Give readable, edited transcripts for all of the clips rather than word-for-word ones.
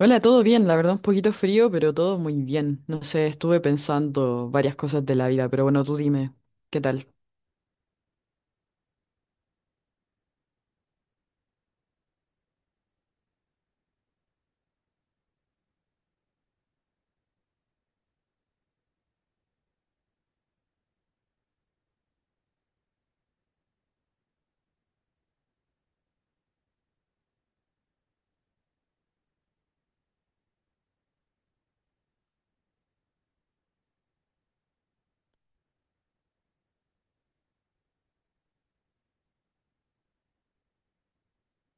Hola, todo bien, la verdad un poquito frío, pero todo muy bien. No sé, estuve pensando varias cosas de la vida, pero bueno, tú dime, ¿qué tal?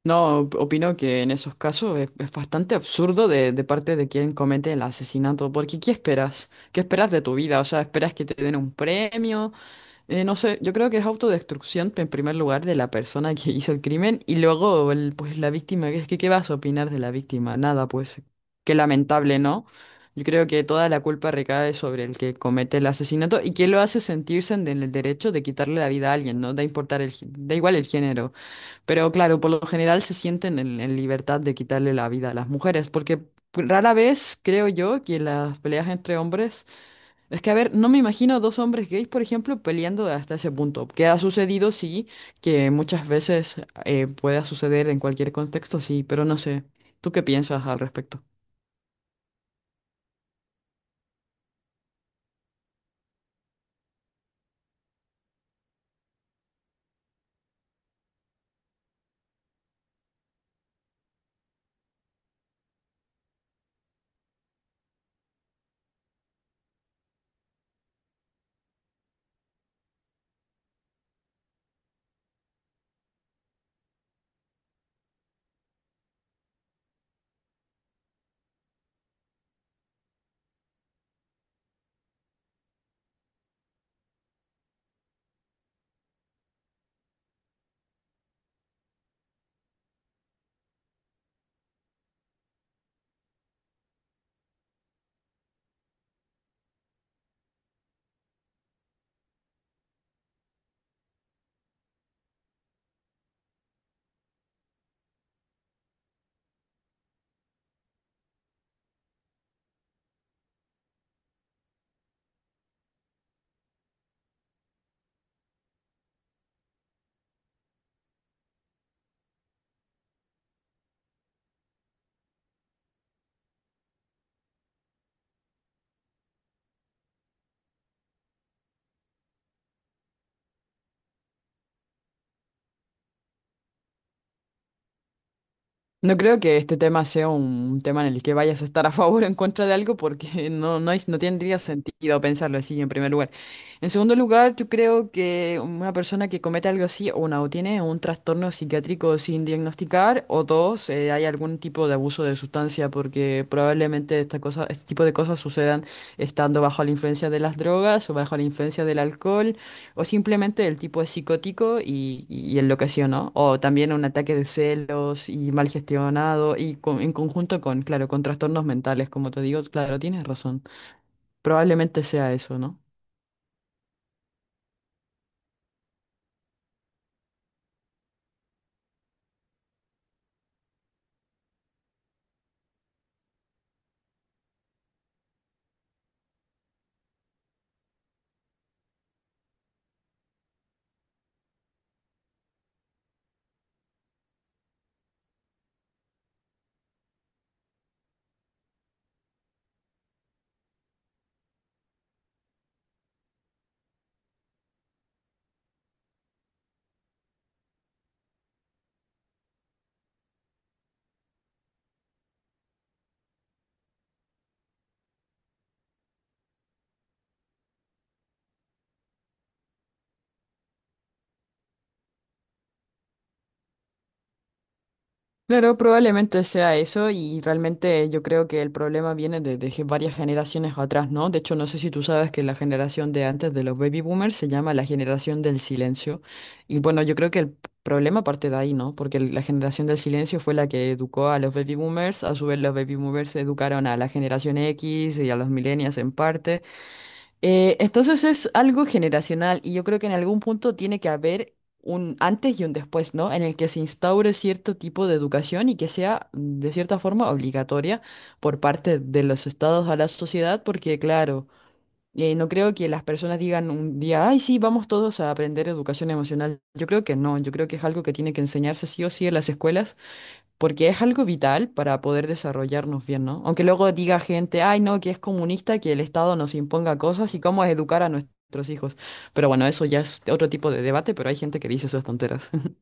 No, opino que en esos casos es bastante absurdo de parte de quien comete el asesinato, porque ¿qué esperas? ¿Qué esperas de tu vida? O sea, ¿esperas que te den un premio? No sé, yo creo que es autodestrucción en primer lugar de la persona que hizo el crimen y luego pues la víctima, que es que ¿qué vas a opinar de la víctima? Nada, pues qué lamentable, ¿no? Yo creo que toda la culpa recae sobre el que comete el asesinato y que lo hace sentirse en el derecho de quitarle la vida a alguien, ¿no? Da importar el, da igual el género, pero claro, por lo general se sienten en libertad de quitarle la vida a las mujeres, porque pues, rara vez creo yo que las peleas entre hombres es que, a ver, no me imagino dos hombres gays, por ejemplo, peleando hasta ese punto. Que ha sucedido, sí, que muchas veces pueda suceder en cualquier contexto, sí, pero no sé. ¿Tú qué piensas al respecto? No creo que este tema sea un tema en el que vayas a estar a favor o en contra de algo porque no, no, no tendría sentido pensarlo así en primer lugar. En segundo lugar, yo creo que una persona que comete algo así, una, o tiene un trastorno psiquiátrico sin diagnosticar, o dos, hay algún tipo de abuso de sustancia porque probablemente esta cosa, este tipo de cosas sucedan estando bajo la influencia de las drogas o bajo la influencia del alcohol. O simplemente el tipo es psicótico y enloqueció, ¿no? O también un ataque de celos y mal gestionado y en conjunto con, claro, con trastornos mentales, como te digo, claro, tienes razón. Probablemente sea eso, ¿no? Claro, probablemente sea eso y realmente yo creo que el problema viene de varias generaciones atrás, ¿no? De hecho, no sé si tú sabes que la generación de antes de los baby boomers se llama la generación del silencio y bueno, yo creo que problema parte de ahí, ¿no? Porque la generación del silencio fue la que educó a los baby boomers, a su vez los baby boomers educaron a la generación X y a los millennials en parte. Entonces es algo generacional y yo creo que en algún punto tiene que haber un antes y un después, ¿no? En el que se instaure cierto tipo de educación y que sea mm, de cierta forma obligatoria por parte de los estados a la sociedad, porque claro, no creo que las personas digan un día, ay, sí, vamos todos a aprender educación emocional. Yo creo que no, yo creo que es algo que tiene que enseñarse sí o sí en las escuelas porque es algo vital para poder desarrollarnos bien, ¿no? Aunque luego diga gente, ay, no, que es comunista, que el Estado nos imponga cosas y cómo educar a nuestros hijos. Pero bueno, eso ya es otro tipo de debate, pero hay gente que dice esas tonteras.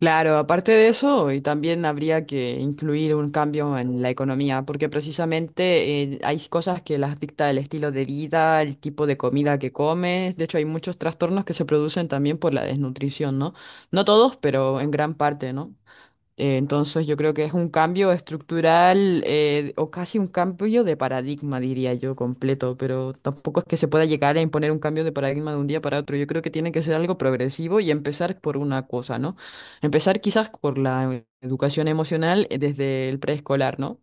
Claro, aparte de eso, y también habría que incluir un cambio en la economía, porque precisamente hay cosas que las dicta el estilo de vida, el tipo de comida que comes. De hecho, hay muchos trastornos que se producen también por la desnutrición, ¿no? No todos, pero en gran parte, ¿no? Entonces yo creo que es un cambio estructural o casi un cambio de paradigma, diría yo, completo, pero tampoco es que se pueda llegar a imponer un cambio de paradigma de un día para otro. Yo creo que tiene que ser algo progresivo y empezar por una cosa, ¿no? Empezar quizás por la educación emocional desde el preescolar, ¿no?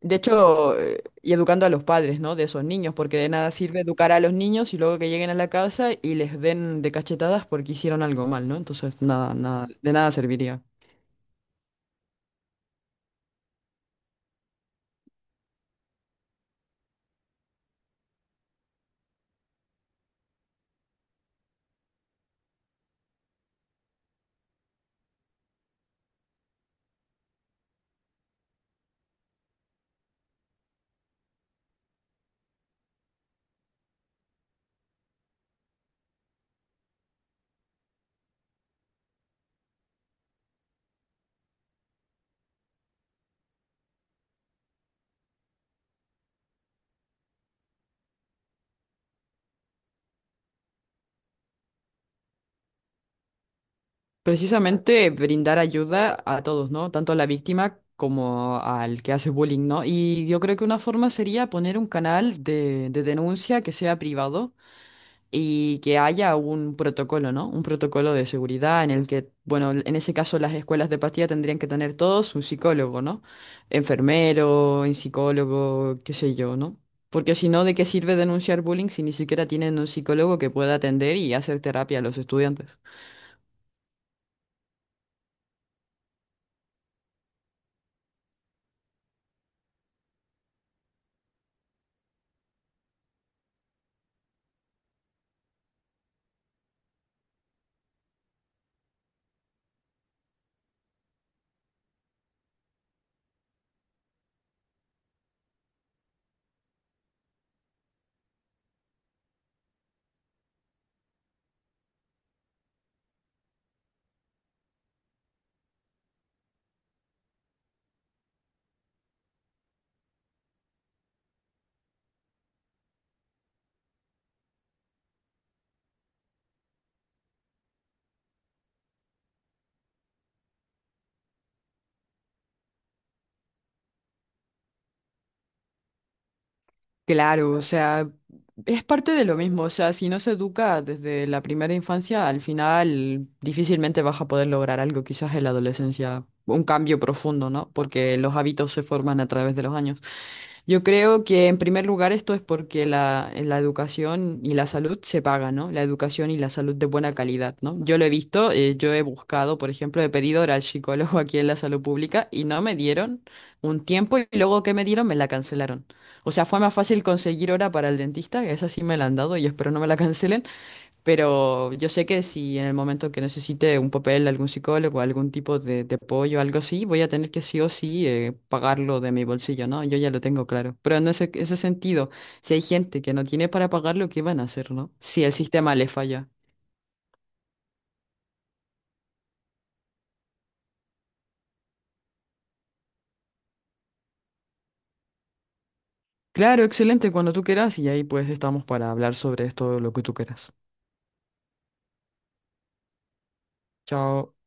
De hecho, y educando a los padres, ¿no? De esos niños, porque de nada sirve educar a los niños y luego que lleguen a la casa y les den de cachetadas porque hicieron algo mal, ¿no? Entonces, nada, nada, de nada serviría. Precisamente brindar ayuda a todos, ¿no? Tanto a la víctima como al que hace bullying, ¿no? Y yo creo que una forma sería poner un canal de denuncia que sea privado y que haya un protocolo, ¿no? Un protocolo de seguridad en el que, bueno, en ese caso las escuelas de pastilla tendrían que tener todos un psicólogo, ¿no? Enfermero, un psicólogo, qué sé yo, ¿no? Porque si no, ¿de qué sirve denunciar bullying si ni siquiera tienen un psicólogo que pueda atender y hacer terapia a los estudiantes? Claro, o sea, es parte de lo mismo, o sea, si no se educa desde la primera infancia, al final difícilmente vas a poder lograr algo, quizás en la adolescencia, un cambio profundo, ¿no? Porque los hábitos se forman a través de los años. Yo creo que en primer lugar esto es porque la educación y la salud se pagan, ¿no? La educación y la salud de buena calidad, ¿no? Yo lo he visto, yo he buscado, por ejemplo, he pedido hora al psicólogo aquí en la salud pública y no me dieron un tiempo y luego que me dieron me la cancelaron. O sea, fue más fácil conseguir hora para el dentista, que esa sí me la han dado y espero no me la cancelen, pero yo sé que si en el momento que necesite un papel, algún psicólogo, algún tipo de apoyo, algo así, voy a tener que sí o sí pagarlo de mi bolsillo, ¿no? Yo ya lo tengo claro. Pero en ese sentido, si hay gente que no tiene para pagarlo, ¿qué van a hacer, no? Si el sistema le falla. Claro, excelente, cuando tú quieras y ahí pues estamos para hablar sobre esto, lo que tú quieras. Chao.